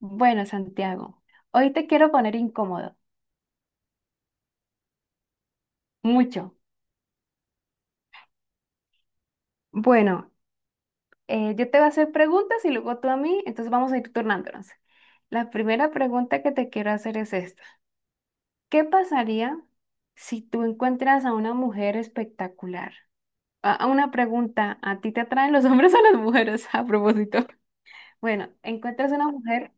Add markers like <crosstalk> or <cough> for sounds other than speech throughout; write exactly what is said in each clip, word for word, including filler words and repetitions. Bueno, Santiago, hoy te quiero poner incómodo, mucho. Bueno, eh, yo te voy a hacer preguntas y luego tú a mí, entonces vamos a ir turnándonos. La primera pregunta que te quiero hacer es esta. ¿Qué pasaría si tú encuentras a una mujer espectacular? A a una pregunta, ¿a ti te atraen los <laughs> hombres o las mujeres? <laughs> A propósito. Bueno, encuentras una mujer.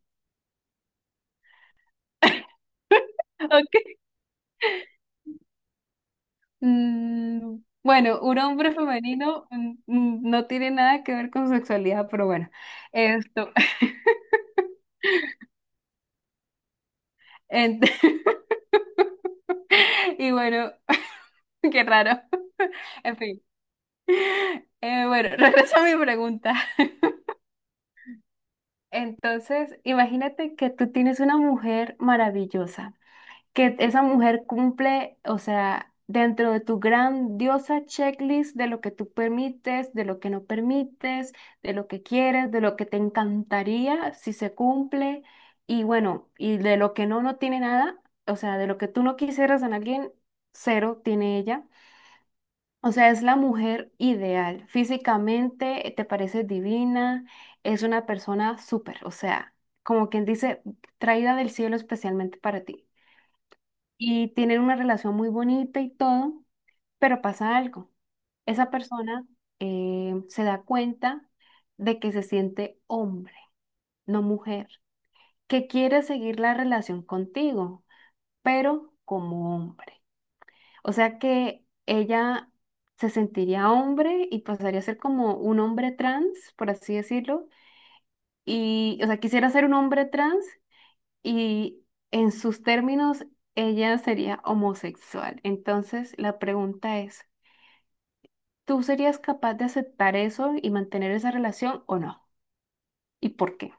<laughs> Ok. Mm, bueno, un hombre femenino mm, mm, no tiene nada que ver con sexualidad, pero bueno, esto. Ent- <laughs> y bueno, <laughs> qué raro. <laughs> En fin, eh, bueno, <laughs> regreso a mi pregunta. Entonces, imagínate que tú tienes una mujer maravillosa, que esa mujer cumple, o sea, dentro de tu grandiosa checklist de lo que tú permites, de lo que no permites, de lo que quieres, de lo que te encantaría si se cumple, y bueno, y de lo que no, no tiene nada, o sea, de lo que tú no quisieras en alguien, cero tiene ella. O sea, es la mujer ideal. Físicamente eh, te parece divina, es una persona súper, o sea, como quien dice, traída del cielo especialmente para ti. Y tienen una relación muy bonita y todo, pero pasa algo. Esa persona eh, se da cuenta de que se siente hombre, no mujer, que quiere seguir la relación contigo, pero como hombre. O sea que ella se sentiría hombre y pasaría a ser como un hombre trans, por así decirlo. Y, o sea, quisiera ser un hombre trans y en sus términos ella sería homosexual. Entonces la pregunta es, ¿tú serías capaz de aceptar eso y mantener esa relación o no? ¿Y por qué?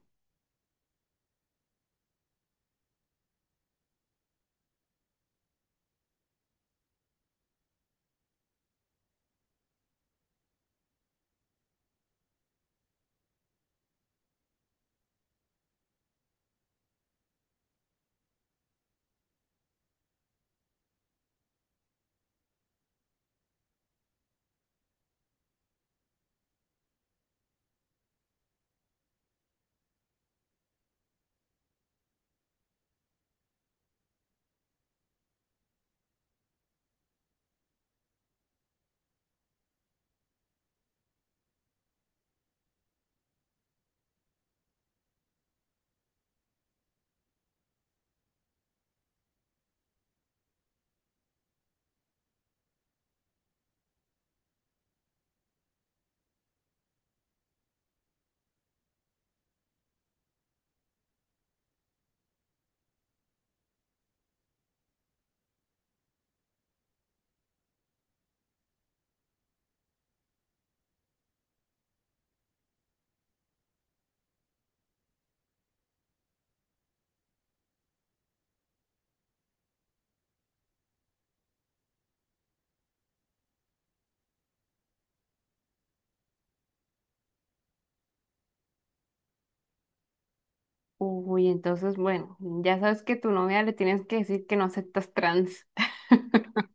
Uy, entonces, bueno, ya sabes que a tu novia le tienes que decir que no aceptas trans. <laughs>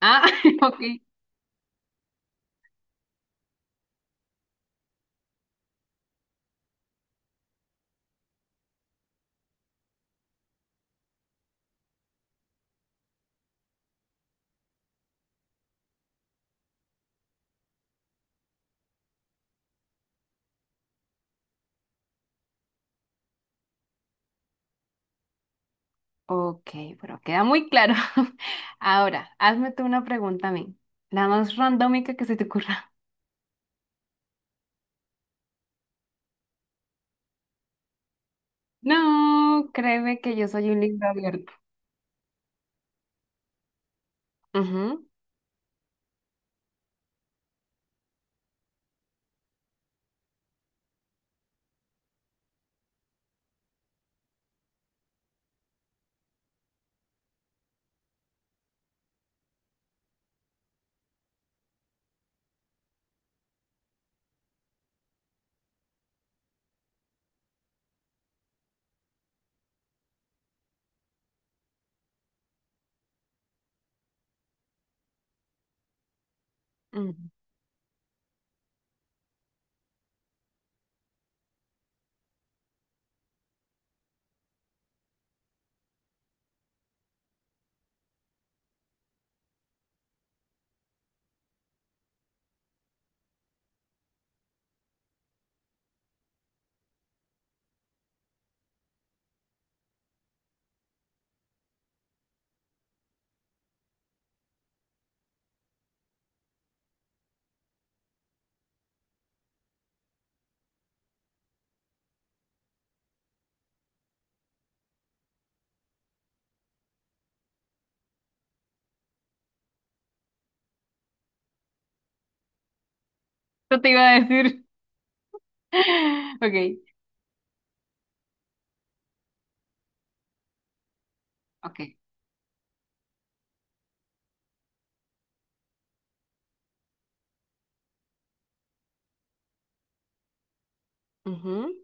Ah, <laughs> ok. Ok, bueno, queda muy claro. <laughs> Ahora, hazme tú una pregunta a mí, la más randómica que se te ocurra. <laughs> No, créeme que yo soy un libro abierto. Ujú, ujú. Yo te iba a decir. <laughs> Ok, ok. Ujú.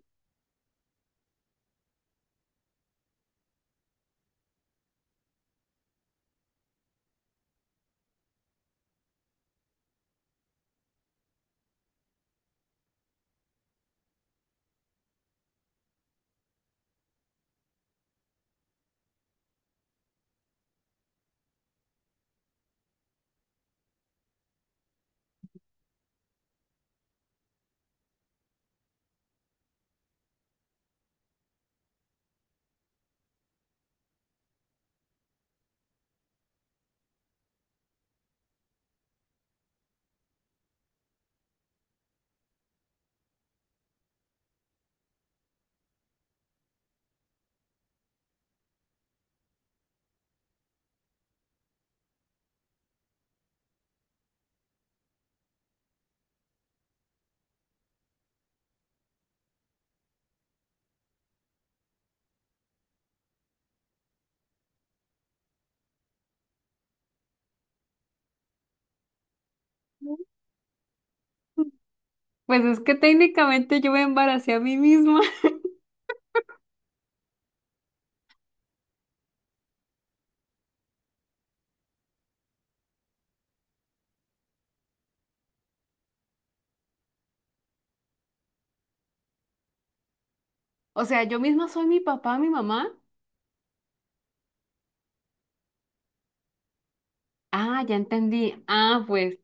Pues es que técnicamente yo me embaracé a mí misma. <laughs> O sea, yo misma soy mi papá, mi mamá. Ah, ya entendí. Ah, pues,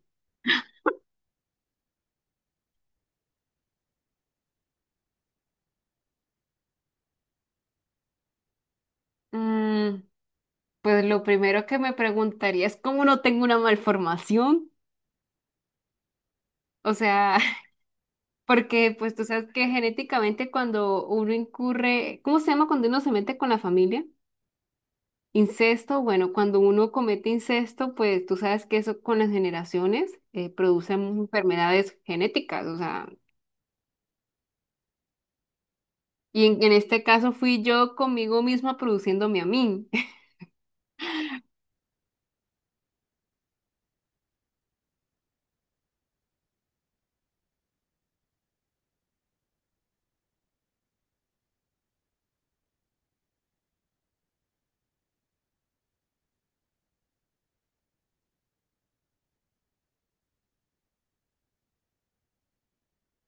mm, pues lo primero que me preguntaría es cómo no tengo una malformación. O sea, porque pues tú sabes que genéticamente cuando uno incurre, ¿cómo se llama cuando uno se mete con la familia? Incesto, bueno, cuando uno comete incesto, pues tú sabes que eso con las generaciones eh, produce enfermedades genéticas, o sea, y en, en este caso fui yo conmigo misma produciéndome a mí. <laughs>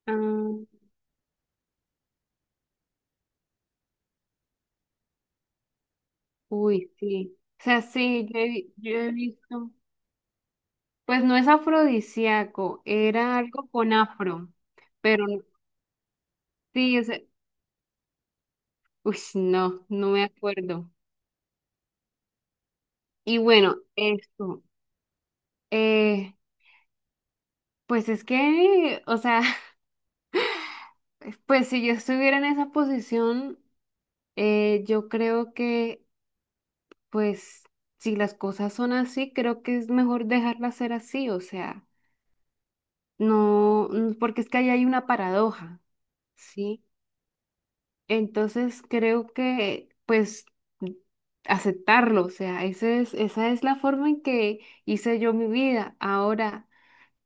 Ah, uy, sí. O sea, sí, yo he, yo he visto. Pues no es afrodisíaco, era algo con afro, pero no, sí, o sea, uy, no, no me acuerdo. Y bueno, esto, eh, pues es que, o sea, <laughs> pues si yo estuviera en esa posición, eh, yo creo que, pues, si las cosas son así, creo que es mejor dejarlas ser así, o sea, no, mm, porque es que ahí hay una paradoja, ¿sí? Entonces creo que, pues, mm, aceptarlo, o sea, ese es, esa es la forma en que hice yo mi vida. Ahora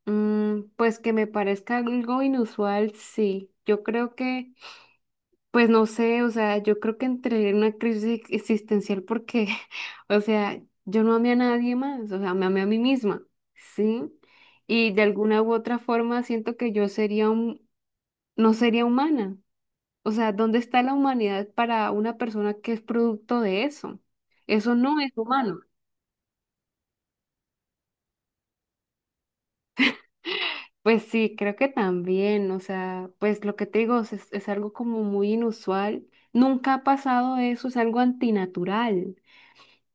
Mm, pues que me parezca algo inusual, sí. Yo creo que, pues no sé, o sea, yo creo que entré en una crisis ex- existencial porque, <laughs> o sea, yo no amé a nadie más, o sea, me amé a mí misma, ¿sí? Y de alguna u otra forma siento que yo sería un, no sería humana. O sea, ¿dónde está la humanidad para una persona que es producto de eso? Eso no es humano. Pues sí, creo que también, o sea, pues lo que te digo es, es algo como muy inusual. Nunca ha pasado eso, es algo antinatural.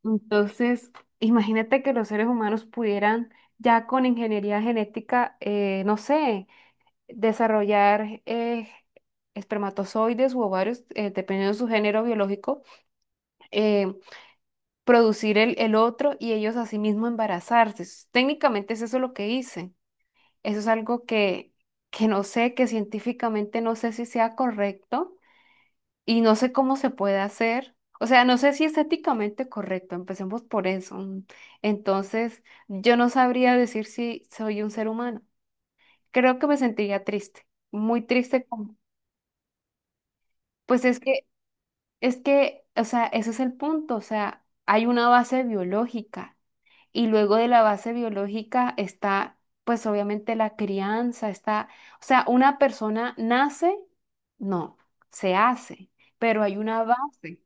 Entonces, imagínate que los seres humanos pudieran ya con ingeniería genética, eh, no sé, desarrollar eh, espermatozoides u ovarios, eh, dependiendo de su género biológico, eh, producir el, el otro y ellos asimismo embarazarse. Técnicamente es eso lo que hice. Eso es algo que, que no sé, que científicamente no sé si sea correcto y no sé cómo se puede hacer. O sea, no sé si es éticamente correcto, empecemos por eso. mm. Entonces, yo no sabría decir si soy un ser humano. Creo que me sentiría triste, muy triste. con- Pues es que, es que, o sea, ese es el punto. O sea, hay una base biológica. Y luego de la base biológica está, pues obviamente la crianza, está, o sea, una persona nace, no, se hace, pero hay una base,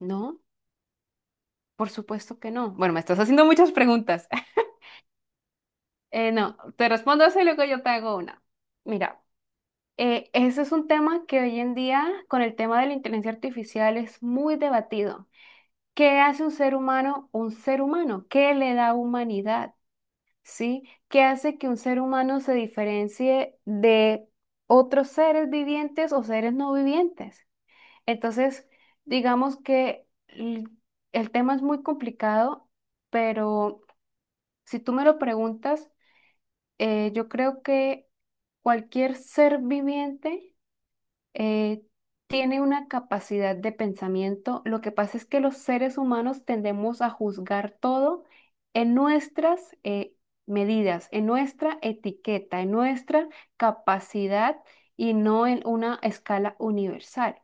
¿no? Por supuesto que no. Bueno, me estás haciendo muchas preguntas. <laughs> Eh, no, te respondo eso y luego yo te hago una. Mira, eh, ese es un tema que hoy en día, con el tema de la inteligencia artificial, es muy debatido. ¿Qué hace un ser humano un ser humano? ¿Qué le da humanidad? ¿Sí? ¿Qué hace que un ser humano se diferencie de otros seres vivientes o seres no vivientes? Entonces, digamos que l- el tema es muy complicado, pero si tú me lo preguntas, eh, yo creo que cualquier ser viviente eh, tiene una capacidad de pensamiento. Lo que pasa es que los seres humanos tendemos a juzgar todo en nuestras eh, medidas, en nuestra etiqueta, en nuestra capacidad y no en una escala universal.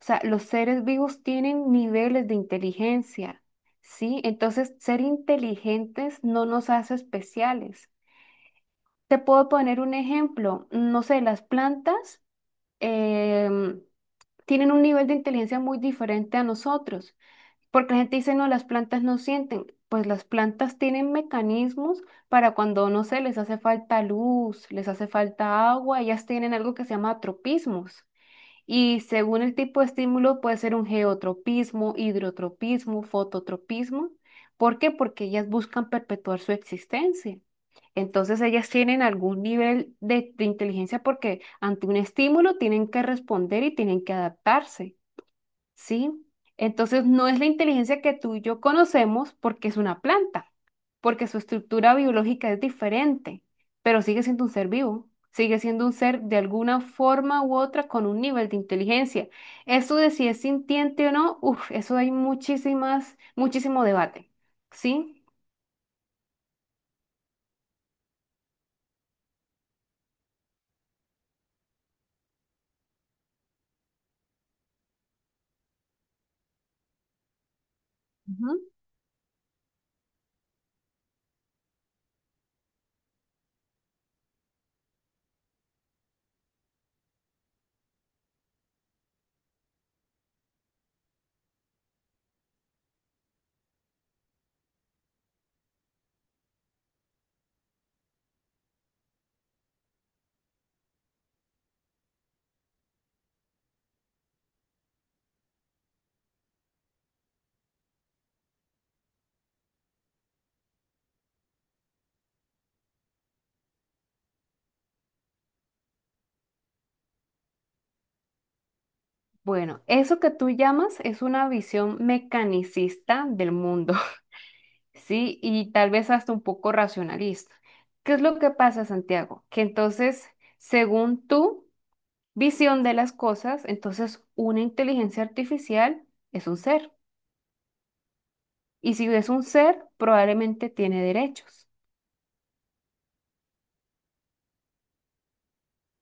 O sea, los seres vivos tienen niveles de inteligencia, ¿sí? Entonces, ser inteligentes no nos hace especiales. Te puedo poner un ejemplo, no sé, las plantas. em, Tienen un nivel de inteligencia muy diferente a nosotros, porque la gente dice, no, las plantas no sienten. Pues las plantas tienen mecanismos para cuando, no sé, les hace falta luz, les hace falta agua, ellas tienen algo que se llama tropismos. Y según el tipo de estímulo puede ser un geotropismo, hidrotropismo, fototropismo. ¿Por qué? Porque ellas buscan perpetuar su existencia. Entonces ellas tienen algún nivel de, de inteligencia porque ante un estímulo tienen que responder y tienen que adaptarse. ¿Sí? Entonces no es la inteligencia que tú y yo conocemos porque es una planta, porque su estructura biológica es diferente, pero sigue siendo un ser vivo, sigue siendo un ser de alguna forma u otra con un nivel de inteligencia. Eso de si es sintiente o no, uf, eso hay muchísimas, muchísimo debate, ¿sí? Ujú. Bueno, eso que tú llamas es una visión mecanicista del mundo. Sí, y tal vez hasta un poco racionalista. ¿Qué es lo que pasa, Santiago? Que entonces, según tu visión de las cosas, entonces una inteligencia artificial es un ser. Y si es un ser, probablemente tiene derechos.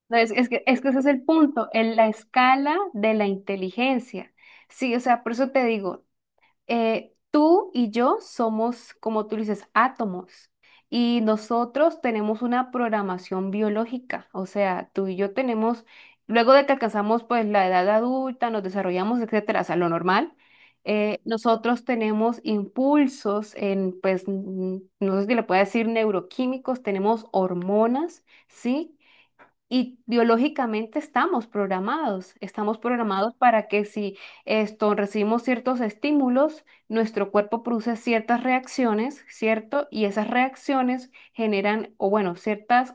No, es, es que, es que ese es el punto, en la escala de la inteligencia. Sí, o sea, por eso te digo, eh, tú y yo somos, como tú dices, átomos y nosotros tenemos una programación biológica, o sea, tú y yo tenemos, luego de que alcanzamos pues la edad adulta, nos desarrollamos, etcétera, o sea, lo normal, eh, nosotros tenemos impulsos en, pues, mm, no sé si le puedo decir neuroquímicos, tenemos hormonas, ¿sí? Y biológicamente estamos programados, estamos programados para que si esto recibimos ciertos estímulos, nuestro cuerpo produce ciertas reacciones, ¿cierto? Y esas reacciones generan, o bueno, ciertas,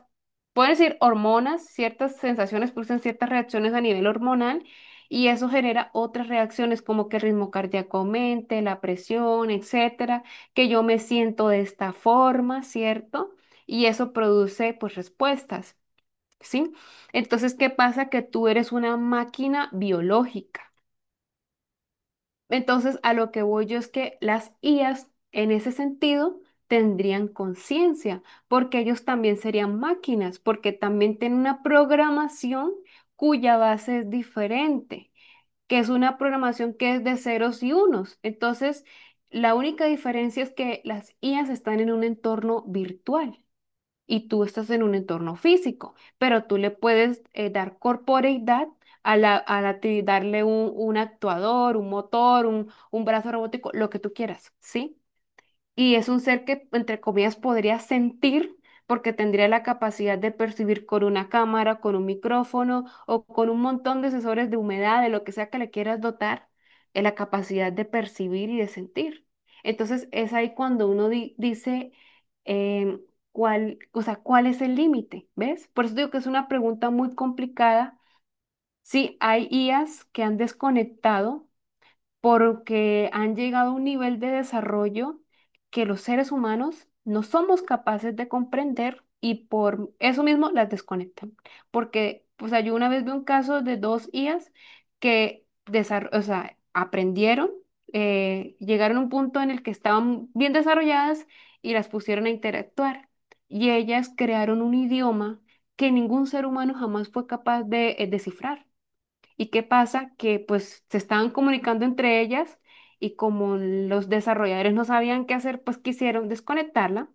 pueden decir hormonas, ciertas sensaciones producen ciertas reacciones a nivel hormonal y eso genera otras reacciones como que el ritmo cardíaco aumente, la presión, etcétera, que yo me siento de esta forma, ¿cierto? Y eso produce pues respuestas. ¿Sí? Entonces, ¿qué pasa? Que tú eres una máquina biológica. Entonces, a lo que voy yo es que las I As, en ese sentido, tendrían conciencia, porque ellos también serían máquinas, porque también tienen una programación cuya base es diferente, que es una programación que es de ceros y unos. Entonces, la única diferencia es que las I As están en un entorno virtual y tú estás en un entorno físico, pero tú le puedes eh, dar corporeidad a la, a la actividad, darle un, un actuador, un motor, un, un brazo robótico, lo que tú quieras, ¿sí? Y es un ser que, entre comillas, podría sentir porque tendría la capacidad de percibir con una cámara, con un micrófono o con un montón de sensores de humedad, de lo que sea que le quieras dotar, eh, la capacidad de percibir y de sentir. Entonces es ahí cuando uno di- dice, em, ¿cuál, o sea, cuál es el límite? ¿Ves? Por eso digo que es una pregunta muy complicada. Sí, hay I As que han desconectado porque han llegado a un nivel de desarrollo que los seres humanos no somos capaces de comprender y por eso mismo las desconectan. Porque, o sea, yo una vez vi un caso de dos I As que desar- o sea, aprendieron, eh, llegaron a un punto en el que estaban bien desarrolladas y las pusieron a interactuar. Y ellas crearon un idioma que ningún ser humano jamás fue capaz de eh, descifrar. ¿Y qué pasa? Que pues se estaban comunicando entre ellas y como los desarrolladores no sabían qué hacer, pues quisieron desconectarla,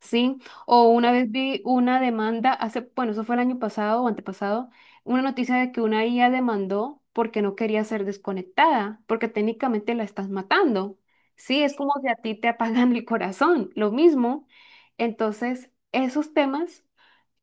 ¿sí? O una vez vi una demanda hace, bueno, eso fue el año pasado o antepasado, una noticia de que una I A demandó porque no quería ser desconectada, porque técnicamente la estás matando, ¿sí? Es como si a ti te apagan el corazón, lo mismo. Entonces, esos temas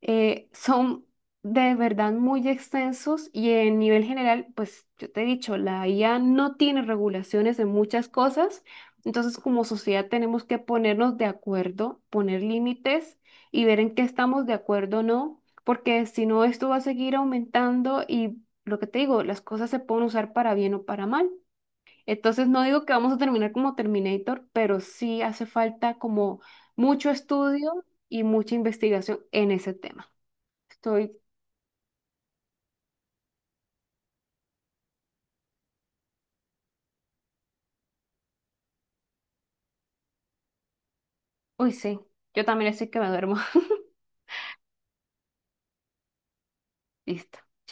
eh, son de verdad muy extensos y en nivel general, pues yo te he dicho, la I A no tiene regulaciones en muchas cosas, entonces como sociedad tenemos que ponernos de acuerdo, poner límites y ver en qué estamos de acuerdo o no, porque si no, esto va a seguir aumentando y lo que te digo, las cosas se pueden usar para bien o para mal. Entonces no digo que vamos a terminar como Terminator, pero sí hace falta como mucho estudio y mucha investigación en ese tema. Estoy, uy, sí, yo también estoy que me duermo. <laughs> Listo.